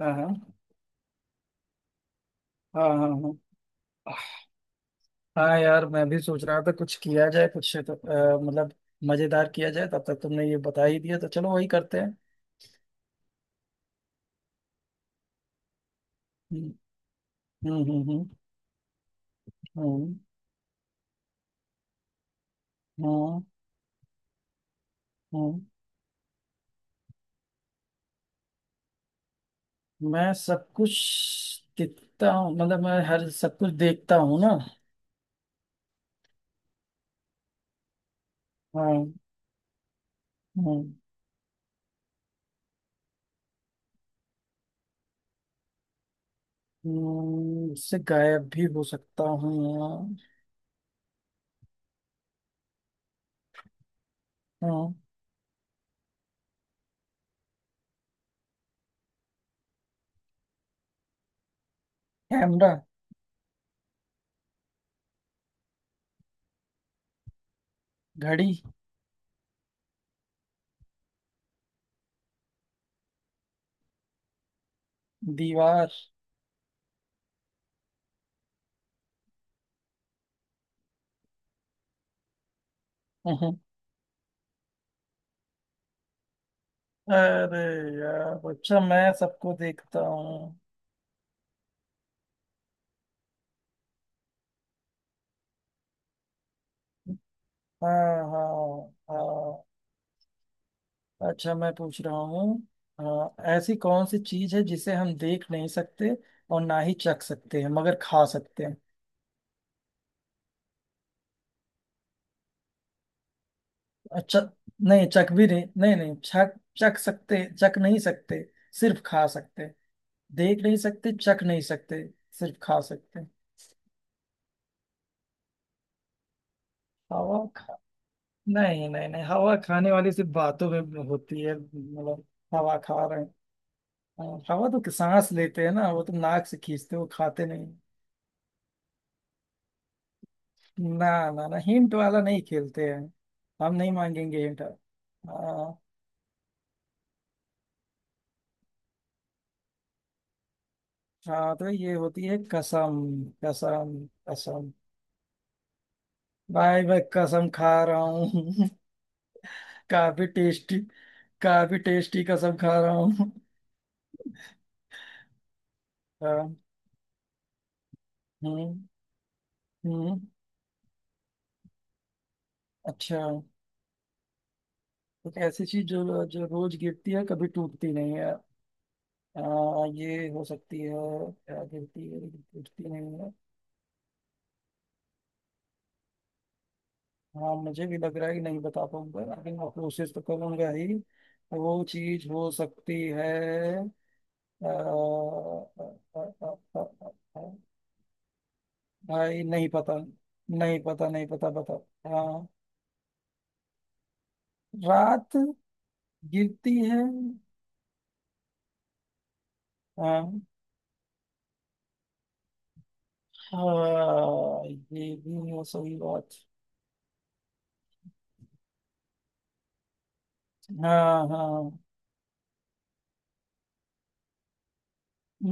हाँ। हाँ। हाँ। हाँ। हाँ। हाँ यार, मैं भी सोच रहा था कुछ किया जाए। कुछ तो, मतलब मजेदार किया जाए। तब तक तुमने ये बता ही दिया, तो चलो वही करते हैं। हम्म। हम्म। हम्म। हम्म। हम्म, हम्म। हम्म, हम्म। मैं सब कुछ देखता हूँ, मतलब मैं हर सब कुछ देखता हूँ ना। हाँ। हम्म। उससे गायब भी हो सकता हूँ यार। हाँ, कैमरा। घड़ी। दीवार। हम्म, हम्म। अरे यार, अच्छा मैं सबको देखता हूँ। हाँ। हाँ। हाँ, अच्छा मैं पूछ रहा हूँ। हाँ, ऐसी कौन सी चीज है जिसे हम देख नहीं सकते और ना ही चख सकते हैं मगर खा सकते हैं? अच्छा, नहीं चख भी नहीं नहीं नहीं चख। चख सकते, चख नहीं सकते, सिर्फ खा सकते। देख नहीं सकते, चख नहीं सकते, सिर्फ खा सकते। हवा खा। नहीं नहीं नहीं, हवा खाने वाली सिर्फ बातों में होती है, मतलब हवा खा रहे हैं। हाँ, हवा तो सांस लेते हैं ना, वो तो नाक से खींचते हो, खाते नहीं। ना ना ना, हिंट वाला नहीं खेलते हैं। हम नहीं मांगेंगे हिंट। हाँ। हाँ तो ये होती है कसम। कसम। कसम। भाई मैं कसम खा रहा हूँ। काफी टेस्टी। काफी टेस्टी कसम खा रहा हूँ। हाँ। हम्म। हम्म। अच्छा, एक ऐसी चीज जो जो रोज गिरती है कभी टूटती नहीं है। ये हो सकती है? क्या गिरती है गिरती नहीं? हाँ, मुझे भी लग रहा है कि नहीं बता पाऊंगा, लेकिन मैं कोशिश तो करूंगा ही। वो चीज हो सकती है? अ, अ, अ, अ, अ, अ, भाई नहीं पता। नहीं पता, नहीं पता, बता। हाँ, रात गिरती है। हाँ। हाँ, ये भी है सही बात। हाँ। हाँ,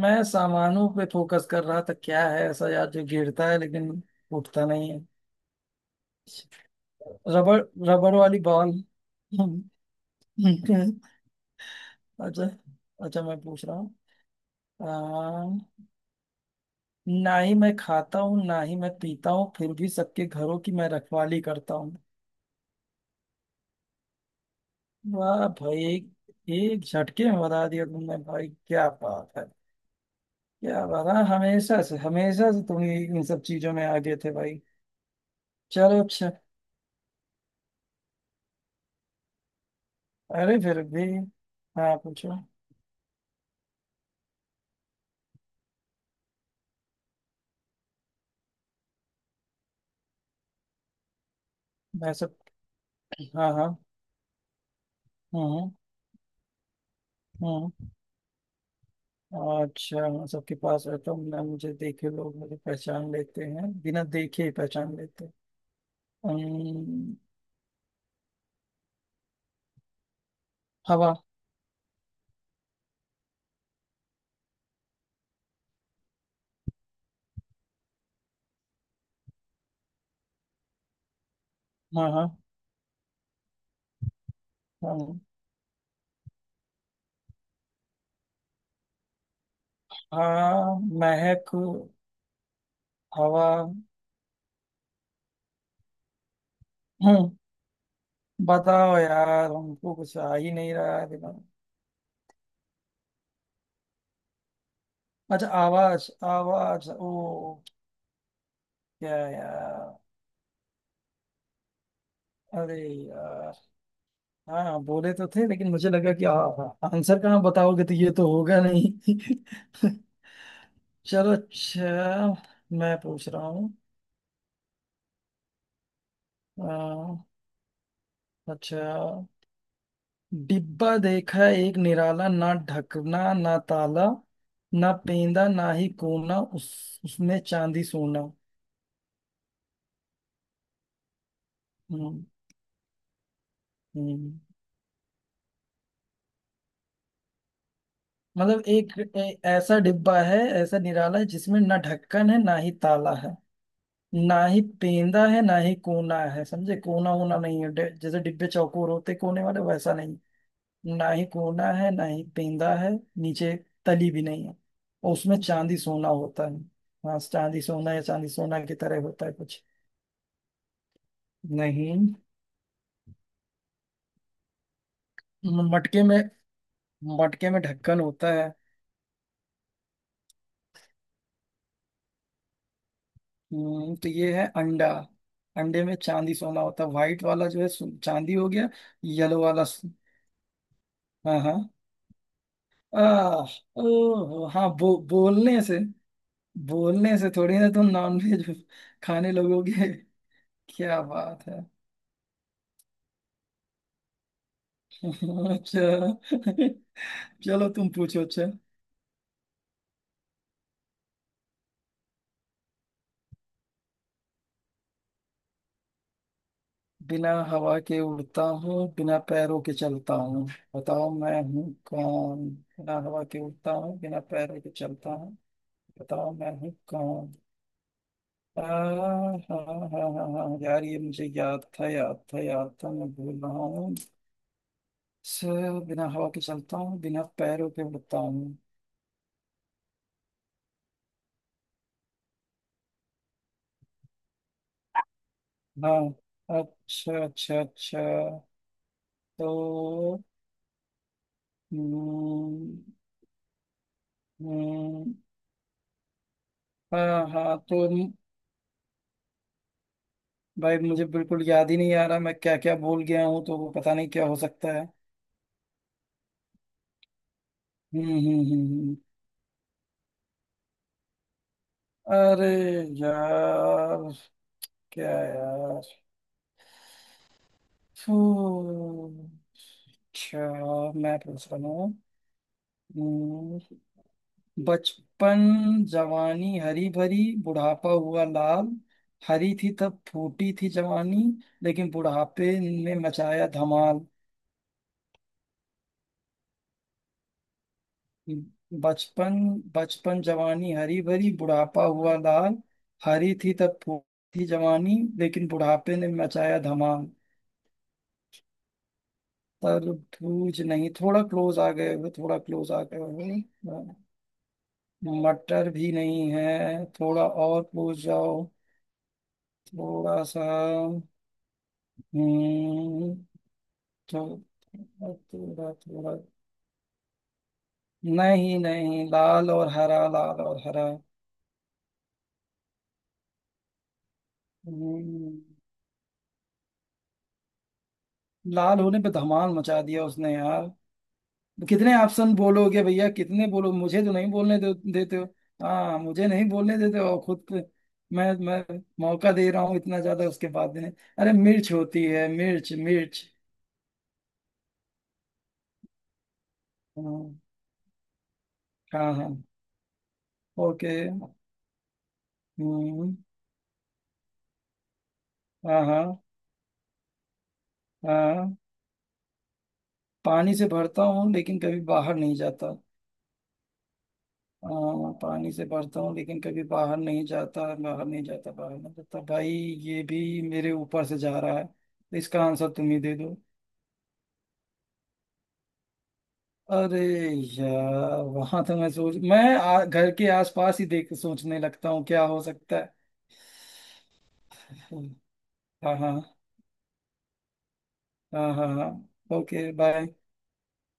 मैं सामानों पे फोकस कर रहा था, क्या है ऐसा यार जो गिरता है लेकिन उठता नहीं है। रबड़। रबड़ वाली बॉल। ठीक है। अच्छा। अच्छा मैं पूछ रहा हूँ। अ, ना ही मैं खाता हूँ ना ही मैं पीता हूँ, फिर भी सबके घरों की मैं रखवाली करता हूँ। वाह भाई, एक एक झटके में बता दिया तुमने भाई, क्या बात है। क्या बात है, हमेशा से तुम इन सब चीजों में आगे थे भाई। चलो अच्छा। अरे फिर भी। हाँ पूछो। मैं सब। हाँ। हाँ। हम्म। हम्म। अच्छा हाँ, सबके पास रहता हूँ ना, मुझे देखे लोग मुझे पहचान लेते हैं, बिना देखे ही पहचान लेते हैं। अम्म, हवा। हाँ। हाँ। हाँ। हाँ। महक। हवा। हम्म, बताओ यार, हमको कुछ आ ही नहीं रहा है दिमाग में। अच्छा, आवाज। आवाज ओ, क्या यार। अरे यार। हाँ बोले तो थे, लेकिन मुझे लगा कि आंसर कहाँ बताओगे, तो ये तो होगा नहीं। चलो अच्छा, मैं पूछ रहा हूँ। आ, अच्छा, डिब्बा देखा एक निराला, ना ढकना ना ताला, ना पेंदा ना ही कोना, उस उसमें चांदी सोना। हम्म, हम्म। मतलब एक ऐसा डिब्बा है ऐसा निराला है जिसमें ना ढक्कन है ना ही ताला है, ना ही पेंदा है ना ही कोना है। समझे, कोना होना नहीं है, जैसे डिब्बे चौकोर होते कोने वाले, वैसा नहीं। ना ही कोना है ना ही पेंदा है। नीचे तली भी नहीं है। और उसमें चांदी सोना होता है। हाँ, चांदी सोना या चांदी सोना की तरह होता है कुछ। नहीं। मटके में, मटके में ढक्कन होता है। तो ये है अंडा। अंडे में चांदी सोना होता है, व्हाइट वाला जो है चांदी हो गया। येलो वाला हाँ। हाँ। आ, ओ हाँ, बोलने से, बोलने से थोड़ी ना तुम नॉनवेज खाने लगोगे। क्या बात है। अच्छा, चलो तुम पूछो अच्छा। बिना हवा के उड़ता हूँ बिना पैरों के चलता हूँ, बताओ मैं हूँ कौन। बिना हवा के उड़ता हूँ बिना पैरों के चलता हूँ, बताओ मैं हूँ कौन। हाँ। हाँ हाँ हाँ यार, ये मुझे याद था, याद था, याद था, मैं भूल रहा हूँ। स- बिना हवा के चलता हूँ बिना पैरों के उड़ता हूँ। हाँ। अच्छा अच्छा अच्छा। तो हम्म, हम्म, हाँ हाँ तो, भाई मुझे बिल्कुल याद ही नहीं आ रहा। मैं क्या क्या भूल गया हूँ, तो वो पता नहीं क्या हो सकता है। हम्म। हम्म। हम्म। हम्म। अरे यार। क्या यार। फू, अच्छा मैं पूछ रहा हूँ। हम्म, बचपन जवानी हरी भरी, बुढ़ापा हुआ लाल, हरी थी तब फूटी थी जवानी, लेकिन बुढ़ापे ने मचाया धमाल। बचपन। बचपन जवानी हरी भरी, बुढ़ापा हुआ लाल, हरी थी तब फूल थी जवानी, लेकिन बुढ़ापे ने मचाया धमाल। तर। बूझ नहीं, थोड़ा क्लोज आ गए हो, थोड़ा क्लोज आ गए हो। मटर भी नहीं है, थोड़ा और क्लोज जाओ। थोड़ा सा। हम्म। थो- थोड़ा थोड़ा। नहीं नहीं, लाल और हरा, लाल और हरा। हम्म, लाल होने पे धमाल मचा दिया उसने यार। कितने ऑप्शन बोलोगे भैया, कितने बोलो, मुझे तो नहीं बोलने देते हो। हाँ, मुझे नहीं बोलने देते हो, और खुद पे मैं मौका दे रहा हूँ इतना ज्यादा, उसके बाद भी नहीं। अरे मिर्च होती है, मिर्च मिर्च। हाँ। हाँ। हाँ। ओके। हम्म। हाँ। हाँ। हाँ, पानी से भरता हूँ लेकिन कभी बाहर नहीं जाता। हाँ, पानी से भरता हूँ लेकिन कभी बाहर नहीं जाता, बाहर नहीं जाता, बाहर नहीं जाता, भाई ये भी मेरे ऊपर से जा रहा है, तो इसका आंसर तुम ही दे दो। अरे यार, वहां तो मैं घर के आसपास ही देख सोचने लगता हूँ क्या हो सकता है। हाँ। हाँ। हाँ। हाँ। हाँ, ओके बाय।